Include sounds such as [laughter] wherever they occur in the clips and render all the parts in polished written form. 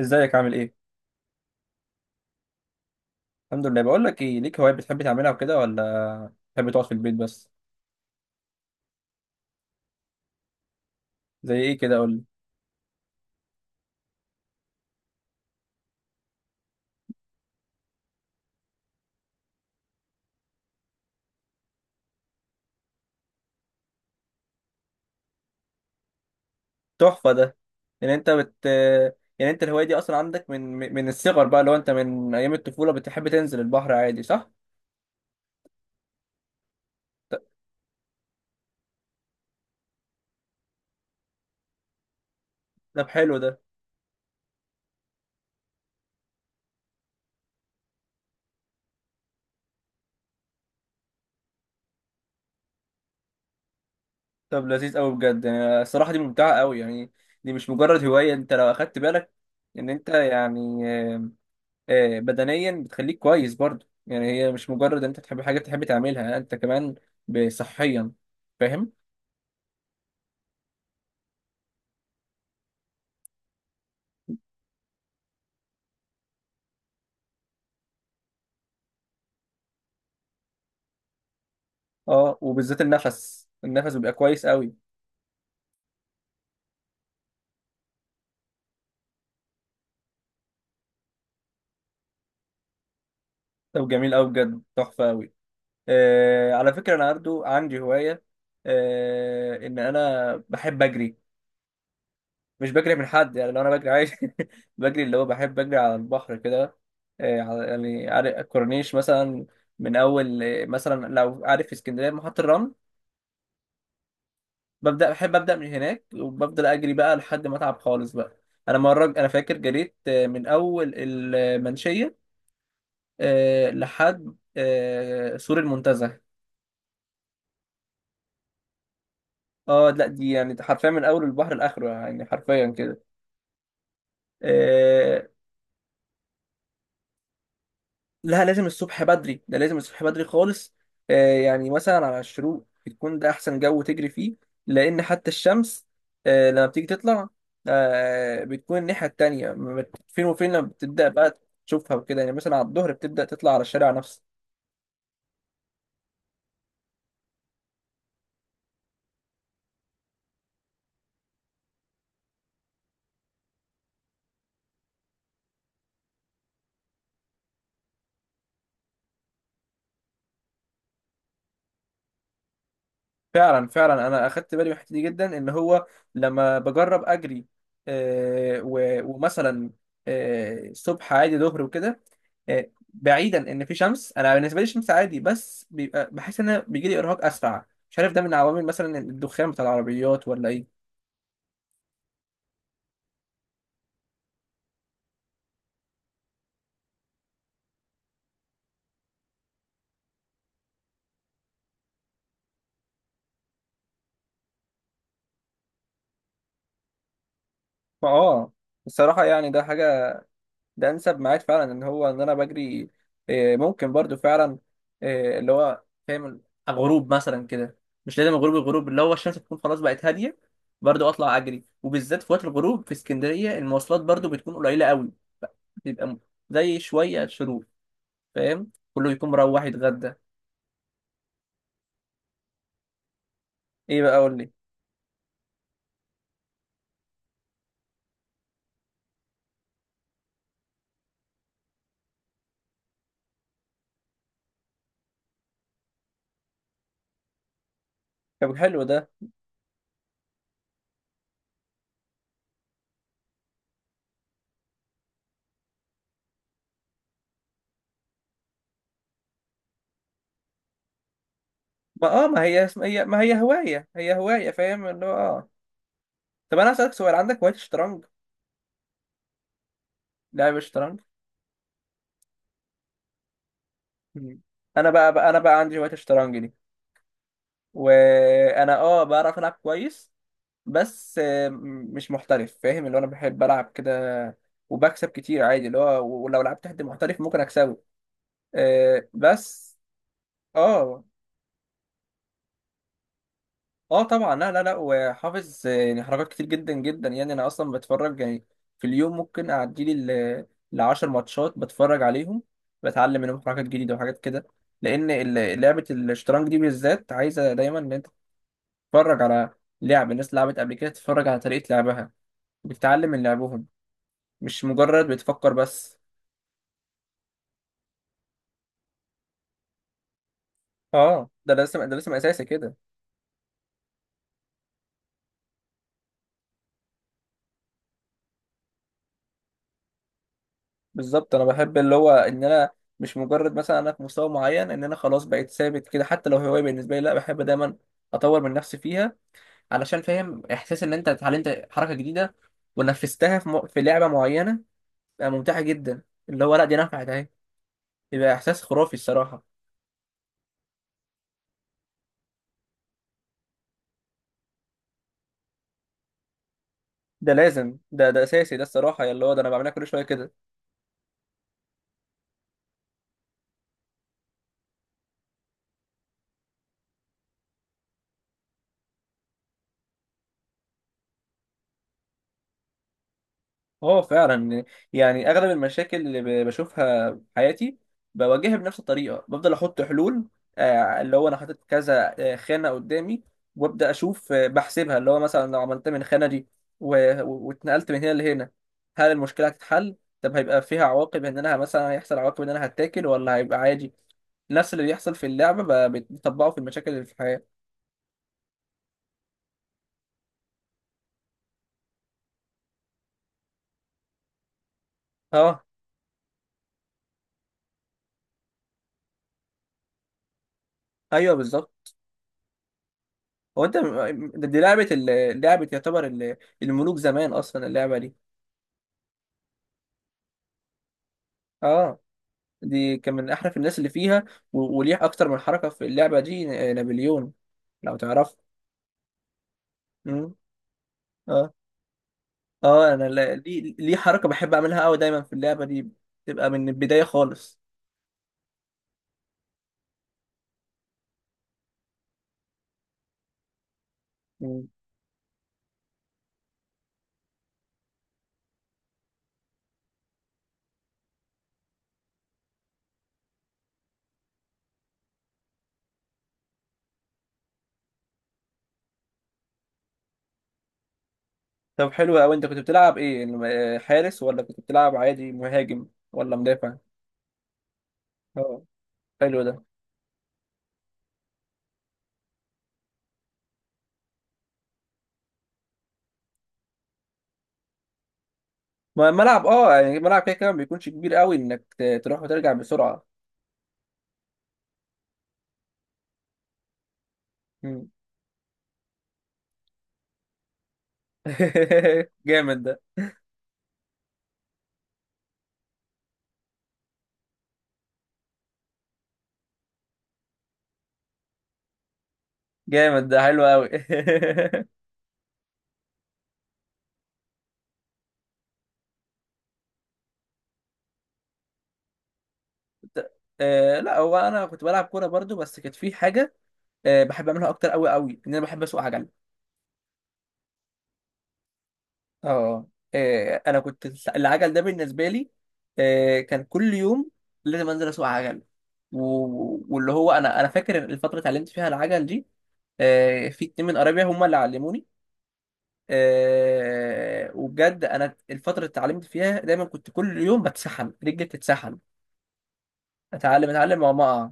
ازيك؟ عامل ايه؟ الحمد لله. بقول لك ايه، ليك هوايات بتحب تعملها وكده، ولا بتحب تقعد في البيت بس؟ زي ايه كده؟ قول لي. تحفه ده. يعني انت بت، يعني انت الهوايه دي اصلا عندك من، من الصغر بقى؟ لو انت من ايام الطفوله بتحب تنزل البحر عادي، صح؟ ط- طب حلو ده. طب لذيذ قوي بجد، يعني الصراحه دي ممتعه قوي يعني. دي مش مجرد هوايه، انت لو اخدت بالك ان انت يعني بدنيا بتخليك كويس برضه، يعني هي مش مجرد ان انت تحب حاجه بتحب تعملها، انت كمان صحيا، فاهم؟ اه، وبالذات النفس بيبقى كويس قوي. طب جميل قوي بجد، تحفه قوي. آه على فكره، انا برضو عندي هوايه، آه ان انا بحب اجري. مش بجري من حد يعني، لو انا بجري عادي. [laughs] بجري اللي هو بحب اجري على البحر كده. يعني عارف الكورنيش مثلا؟ من اول، مثلا لو عارف في اسكندريه محطه الرمل، ببدا بحب ابدا من هناك وبفضل اجري بقى لحد ما اتعب خالص بقى. انا مره انا فاكر جريت، من اول المنشيه آه لحد آه سور المنتزه. اه لا، دي يعني حرفيا من اول البحر لاخره، يعني حرفيا كده. آه لا، لازم الصبح بدري، ده لازم الصبح بدري خالص. آه يعني مثلا على الشروق، يكون ده احسن جو تجري فيه، لان حتى الشمس آه لما بتيجي تطلع آه بتكون الناحيه التانيه ما بت- فين وفين، لما بتبدا بقى تشوفها وكده، يعني مثلا على الظهر بتبدا تطلع على الشارع نفسه. فعلا فعلا، انا اخدت بالي من الحته دي جدا ان هو لما بجرب اجري، ومثلا الصبح عادي، ظهر وكده، بعيدا ان في شمس، انا بالنسبه لي الشمس عادي، بس بيبقى بحس ان انا بيجي لي ارهاق اسرع، مش عارف ده من عوامل مثلا الدخان بتاع العربيات ولا ايه. فاه، الصراحه يعني ده حاجه، ده انسب ميعاد فعلا ان هو ان انا بجري. ممكن برضو فعلا، اللي هو فاهم، غروب مثلا كده. مش لازم غروب، الغروب اللي هو الشمس تكون خلاص بقت هاديه، برضو اطلع اجري. وبالذات في وقت الغروب في اسكندريه، المواصلات برضو بتكون قليله قوي. بيبقى م- زي شويه شروق، فاهم؟ كله يكون مروح يتغدى. ايه بقى؟ قول لي. طب حلو ده. ما اه ما هي اسم- هي ما هي هوايه، هي هوايه، فاهم اللي هو اه. طب انا اسالك سؤال، عندك هوايه الشطرنج، لعب الشطرنج؟ مم. انا بقى، بقى انا بقى عندي هوايه الشطرنج دي، وانا اه بعرف العب كويس، بس مش محترف، فاهم اللي هو انا بحب العب كده، وبكسب كتير عادي، اللي هو ولو لعبت حد محترف ممكن اكسبه بس. اه، اه طبعا، لا لا لا، وحافظ يعني حركات كتير جدا جدا، يعني انا اصلا بتفرج يعني. في اليوم ممكن اعدي لي لـ10 ماتشات بتفرج عليهم، بتعلم منهم حركات جديدة وحاجات كده. لان لعبة الشطرنج دي بالذات عايزة دايما ان انت تتفرج على لعب الناس لعبت قبل كده، تتفرج على طريقة لعبها، بتتعلم من لعبهم، مش مجرد بتفكر بس. اه، ده لازم، ده لازم اساسي كده. بالظبط، انا بحب اللي هو ان انا مش مجرد مثلا انا في مستوى معين ان انا خلاص بقيت ثابت كده، حتى لو هوايه بالنسبه لي، لا بحب دايما اطور من نفسي فيها، علشان فاهم احساس ان انت اتعلمت حركه جديده ونفذتها في لعبه معينه، بقى ممتعه جدا، اللي هو لا دي نفعت اهي، يبقى احساس خرافي الصراحه. ده لازم، ده اساسي، ده الصراحه اللي هو ده انا بعملها كل شويه كده. اه فعلا، يعني اغلب المشاكل اللي بشوفها في حياتي بواجهها بنفس الطريقه، بفضل احط حلول. اللي هو انا حاطط كذا خانه قدامي، وابدا اشوف بحسبها، اللي هو مثلا لو عملت من الخانه دي واتنقلت من هنا لهنا، هل المشكله هتتحل؟ طب هيبقى فيها عواقب ان انا مثلا، هيحصل عواقب ان انا هتاكل، ولا هيبقى عادي؟ نفس اللي بيحصل في اللعبه بتطبقه في المشاكل اللي في الحياه. اه، ايوه بالظبط. هو انت دي لعبه لعبه يعتبر الملوك زمان اصلا اللعبه دي. اه، دي كان من احرف الناس اللي فيها وليه اكتر من حركه في اللعبه دي نابليون، لو تعرف. مم. اه اه، انا ليه حركه بحب اعملها قوي دايما في اللعبه دي، بتبقى من البدايه خالص. مم. طب حلو قوي، انت كنت بتلعب ايه، حارس، ولا كنت بتلعب عادي مهاجم ولا مدافع؟ اه، حلو ده. ملعب، اه يعني الملعب كده كده ما بيكونش كبير قوي انك تروح وترجع بسرعه. مم. [laughs] جامد ده. جامد ده، حلو قوي. [laughs] آه لا، هو انا كنت بلعب كوره برضو، بس كانت في حاجه آه بحب اعملها اكتر قوي قوي، ان انا بحب اسوق عجل. اه، انا كنت، العجل ده بالنسبه لي آه كان كل يوم لازم انزل اسوق عجل، واللي هو انا، فاكر الفتره اللي اتعلمت فيها العجل دي، في 2 من قرايبي هم اللي علموني. وبجد انا الفتره اللي اتعلمت فيها دايما كنت كل يوم بتسحم رجلي، بتتسحم، اتعلم اتعلم وما اقع.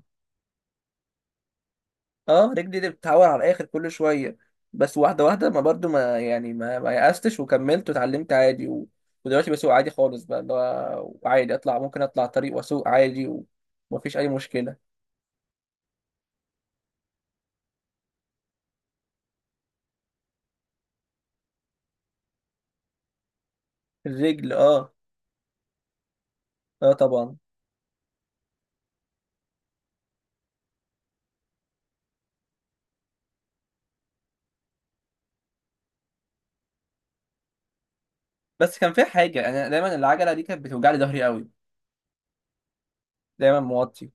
اه، رجلي دي بتتعور على الاخر كل شويه، بس واحده واحده، ما برضو ما يعني ما يأستش، وكملت واتعلمت عادي، ودلوقتي بسوق عادي خالص بقى، اللي هو عادي اطلع، ممكن اطلع طريق واسوق عادي، ومفيش اي مشكله. الرجل، اه. اه طبعا. بس كان فيها حاجه، انا دايما العجله دي كانت بتوجع لي ظهري قوي، دايما موطي.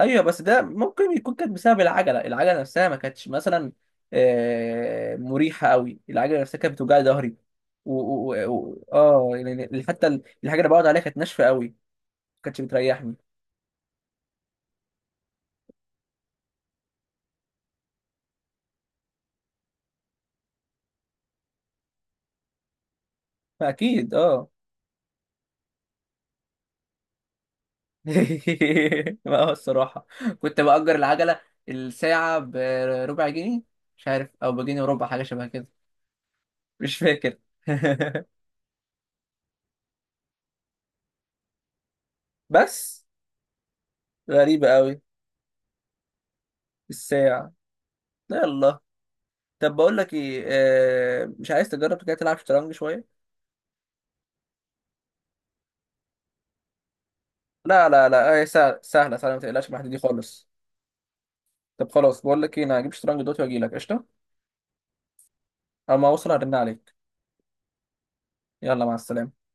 ايوه بس ده ممكن يكون كانت بسبب العجله، العجله نفسها ما كانتش مثلا مريحه قوي، العجله نفسها كانت بتوجع لي ظهري. و... و... و... اه يعني حتى الحاجه اللي بقعد عليها كانت ناشفه قوي، ما كانتش بتريحني. اكيد، اه. [laughs] ما هو الصراحه كنت باجر العجله الساعه بربع جنيه، مش عارف، او بجنيه وربع، حاجه شبه كده، مش فاكر. [laughs] بس غريبه قوي الساعه. يلا، طب بقول لك ايه، مش عايز تجرب كده تلعب شطرنج شويه؟ لا لا لا، هي سهله سهله سهله، ما تقلقش من الحتة دي خالص. طب خلاص، بقول لك ايه، انا هجيب شطرنج دلوقتي واجي لك قشطه. اما اوصل هرن عليك. يلا مع السلامه.